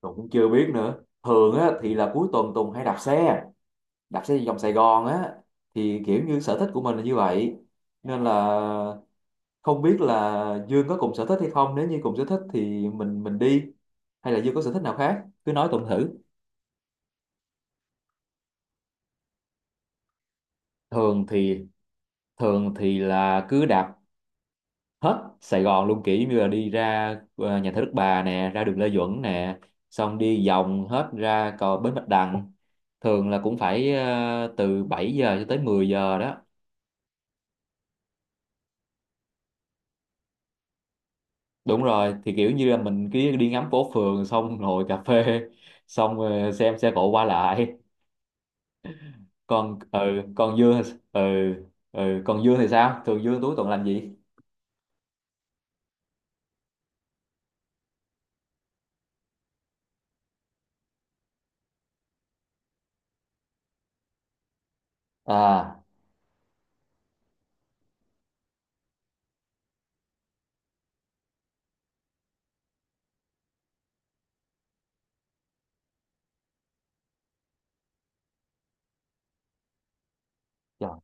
Tùng cũng chưa biết nữa, thường á thì là cuối tuần Tùng hay đạp xe vòng Sài Gòn á, thì kiểu như sở thích của mình là như vậy, nên là không biết là Dương có cùng sở thích hay không. Nếu như cùng sở thích thì mình đi, hay là Dương có sở thích nào khác cứ nói Tùng thử. Thường thì thường thì là cứ đạp hết Sài Gòn luôn, kiểu như là đi ra nhà thờ Đức Bà nè, ra đường Lê Duẩn nè, xong đi vòng hết ra cầu Bến Bạch Đằng. Thường là cũng phải từ 7 giờ cho tới 10 giờ đó. Đúng rồi, thì kiểu như là mình cứ đi ngắm phố phường, xong ngồi cà phê, xong xem xe cộ qua lại. Còn ừ còn Dương thì- ừ ừ còn Dương thì sao, thường Dương cuối tuần làm gì? À, trời,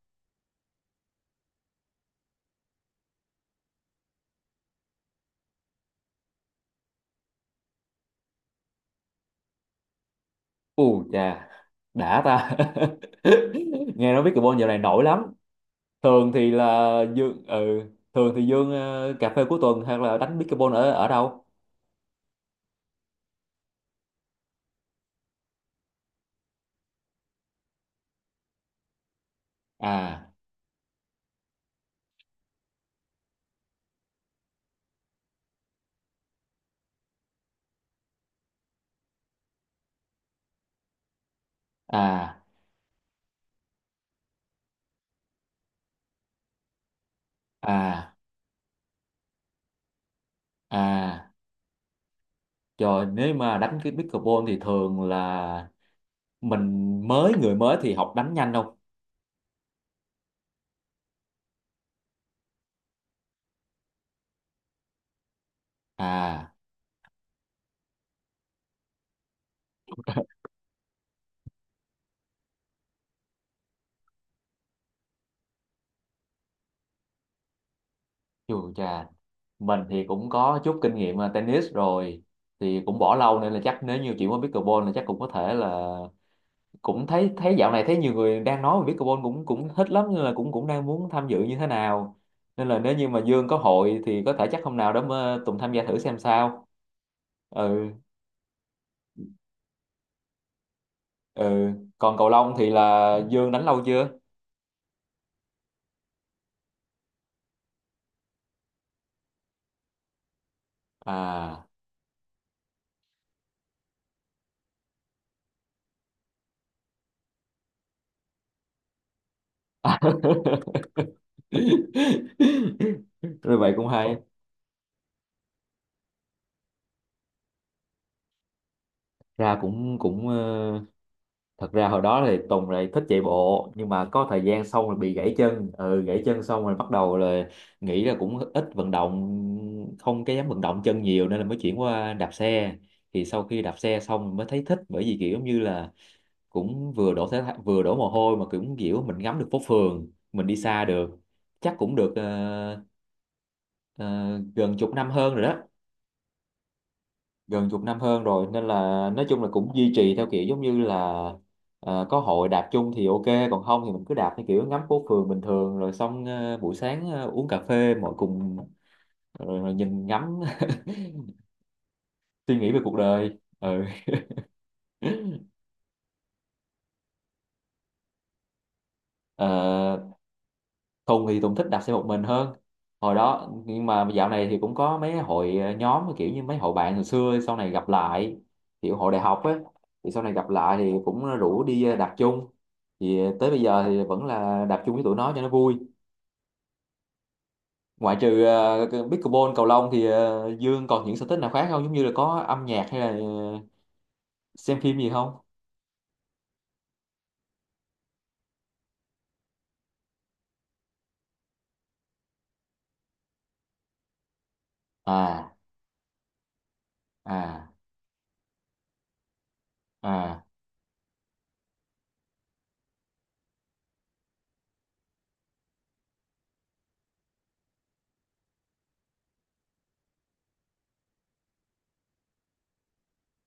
u chà, đã ta. Nghe nói pickleball dạo này nổi lắm. thường thì là Dương ừ Thường thì Dương cà phê cuối tuần hay là đánh pickleball ở ở đâu? À, à, à, à, trời, nếu mà đánh cái pickleball thì thường là mình mới người mới thì học đánh nhanh không? À, chù chà, mình thì cũng có chút kinh nghiệm tennis rồi, thì cũng bỏ lâu nên là chắc nếu như chuyển qua pickleball là chắc cũng có thể là cũng thấy thấy dạo này thấy nhiều người đang nói về pickleball cũng cũng thích lắm, nên là cũng cũng đang muốn tham dự như thế nào. Nên là nếu như mà Dương có hội thì có thể chắc hôm nào đó mà Tùng tham gia thử xem sao. Ừ, ừ, còn cầu lông thì là Dương đánh lâu chưa? À. Rồi, vậy cũng hay ra. Cũng cũng ờ, Thật ra hồi đó thì Tùng lại thích chạy bộ, nhưng mà có thời gian xong rồi bị gãy chân. Ừ Gãy chân xong rồi bắt đầu là nghĩ là cũng ít vận động, không cái dám vận động chân nhiều, nên là mới chuyển qua đạp xe. Thì sau khi đạp xe xong mới thấy thích, bởi vì kiểu như là cũng vừa vừa đổ mồ hôi, mà cũng kiểu mình ngắm được phố phường, mình đi xa được. Chắc cũng được ờ, gần chục năm hơn rồi đó. Gần chục năm hơn rồi Nên là, nói chung là cũng duy trì theo kiểu giống như là, có hội đạp chung thì ok, còn không thì mình cứ đạp theo kiểu ngắm phố phường bình thường, rồi xong buổi sáng uống cà phê mọi cùng, rồi nhìn ngắm suy nghĩ về cuộc đời. Ừ. Ờ, Tùng thích đạp xe một mình hơn hồi đó, nhưng mà dạo này thì cũng có mấy hội nhóm, kiểu như mấy hội bạn hồi xưa sau này gặp lại, kiểu hội đại học á, thì sau này gặp lại thì cũng rủ đi đạp chung. Thì tới bây giờ thì vẫn là đạp chung với tụi nó cho nó vui. Ngoại trừ cái pickleball, cầu lông thì Dương còn những sở thích nào khác không, giống như là có âm nhạc hay là xem phim gì không? À, à, à,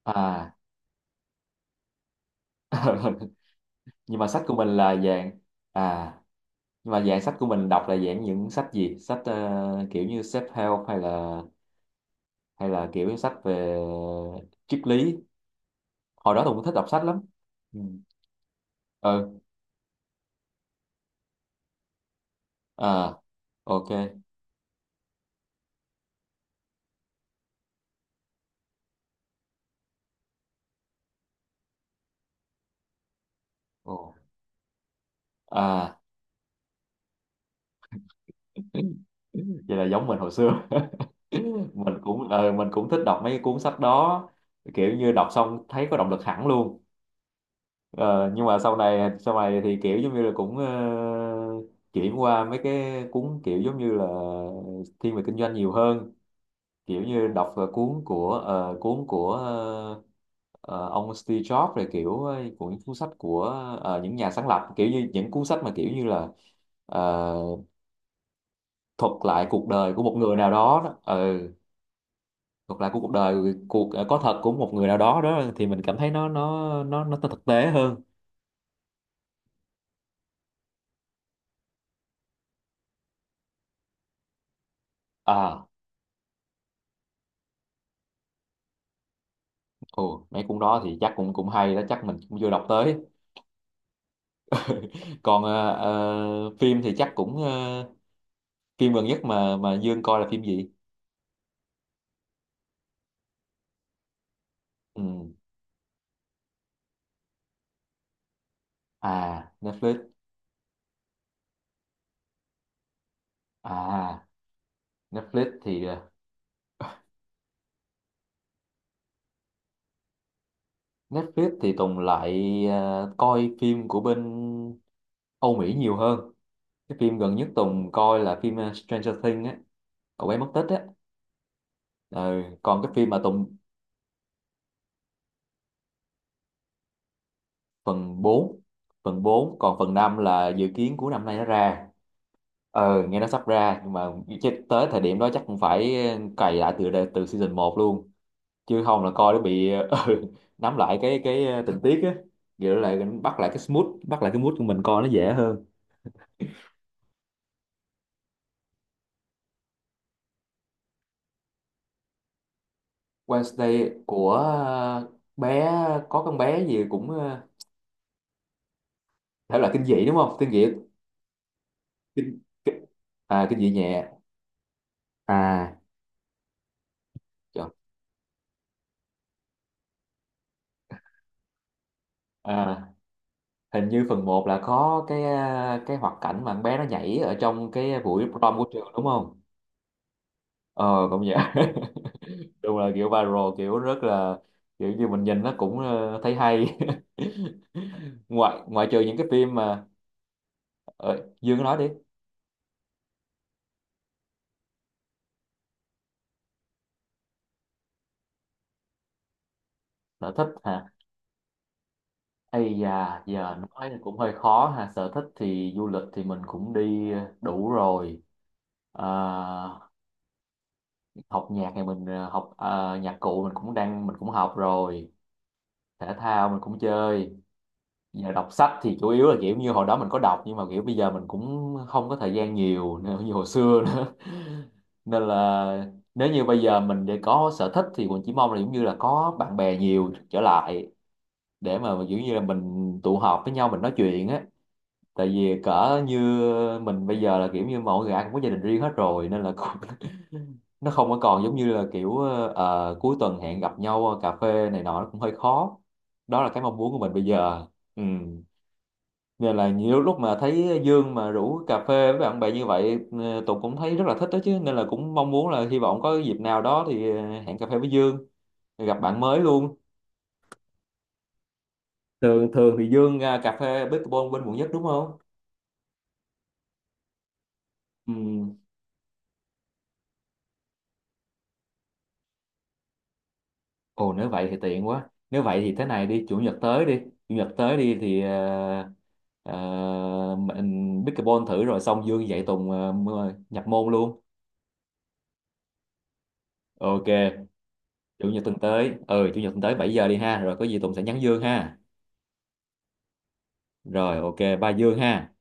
à. Nhưng mà sách của mình là vàng. À, nhưng mà dạng sách của mình đọc là dạng những sách gì? Sách kiểu như self-help, hay là, hay là kiểu sách về triết lý. Hồi đó tôi cũng thích đọc sách lắm. Ừ. Ừ. À, ok. Ồ. À. Vậy là giống mình hồi xưa. Mình cũng mình cũng thích đọc mấy cái cuốn sách đó. Kiểu như đọc xong thấy có động lực hẳn luôn. Ờ, nhưng mà sau này thì kiểu giống như là cũng chuyển qua mấy cái cuốn kiểu giống như là thiên về kinh doanh nhiều hơn. Kiểu như đọc cuốn của ông Steve Jobs, rồi kiểu của những cuốn sách của những nhà sáng lập, kiểu như những cuốn sách mà kiểu như là ờ, thuật lại cuộc đời của một người nào đó đó. Ừ, thuật lại của cuộc đời cuộc ờ, có thật của một người nào đó đó, thì mình cảm thấy nó thực tế hơn. À, ồ, mấy cuốn đó thì chắc cũng cũng hay đó, chắc mình cũng chưa đọc tới. Còn phim thì chắc cũng phim gần nhất mà Dương coi là phim gì? Ừ. À, Netflix. À, Netflix thì Netflix thì Tùng lại coi phim của bên Âu Mỹ nhiều hơn. Cái phim gần nhất Tùng coi là phim Stranger Things á, cậu bé mất tích á. Ờ, còn cái phim mà Tùng, phần 4, phần 4, còn phần 5 là dự kiến của năm nay nó ra. Ờ, nghe nó sắp ra nhưng mà chứ tới thời điểm đó chắc cũng phải cày lại từ từ season 1 luôn, chứ không là coi nó bị ừ, nắm lại tình tiết á. Vậy lại, bắt lại cái mood của mình coi nó dễ hơn. Wednesday của bé, có con bé gì cũng thể loại kinh dị, đúng không, kinh dị, kinh, kinh à, kinh dị nhẹ. À, trời. À, hình như phần 1 là có cái cái hoạt cảnh mà con bé nó nhảy ở trong cái buổi prom của trường, đúng không? Ờ, cũng vậy. Đúng là kiểu viral, kiểu rất là, kiểu như mình nhìn nó cũng thấy hay. ngoại ngoại trừ những cái phim mà ờ, Dương nói đi. Sở thích hả? Ây da, giờ nói thì cũng hơi khó ha. Sở thích thì du lịch thì mình cũng đi đủ rồi. Ờ, học nhạc thì mình nhạc cụ mình cũng đang mình cũng học rồi, thể thao mình cũng chơi. Giờ đọc sách thì chủ yếu là kiểu như hồi đó mình có đọc, nhưng mà kiểu bây giờ mình cũng không có thời gian nhiều nữa như hồi xưa nữa nên là nếu như bây giờ mình để có sở thích thì mình chỉ mong là giống như là có bạn bè nhiều trở lại, để mà kiểu như là mình tụ họp với nhau mình nói chuyện á. Tại vì cỡ như mình bây giờ là kiểu như mọi người ai cũng có gia đình riêng hết rồi, nên là cũng nó không có còn giống như là kiểu cuối tuần hẹn gặp nhau cà phê này nọ, nó cũng hơi khó. Đó là cái mong muốn của mình bây giờ. Ừ, nên là nhiều lúc mà thấy Dương mà rủ cà phê với bạn bè như vậy, Tùng cũng thấy rất là thích đó chứ, nên là cũng mong muốn là hy vọng có dịp nào đó thì hẹn cà phê với Dương, gặp bạn mới luôn. Thường thường thì Dương à, cà phê pickleball bên quận nhất đúng không? Ừm, ồ, nếu vậy thì tiện quá. Nếu vậy thì thế này đi, chủ nhật tới đi, chủ nhật tới đi thì ờ, mình pickleball thử, rồi xong Dương dạy Tùng nhập môn luôn. Ok, chủ nhật tuần tới, ừ, chủ nhật tuần tới 7 giờ đi ha, rồi có gì Tùng sẽ nhắn Dương ha. Rồi, ok, ba Dương ha.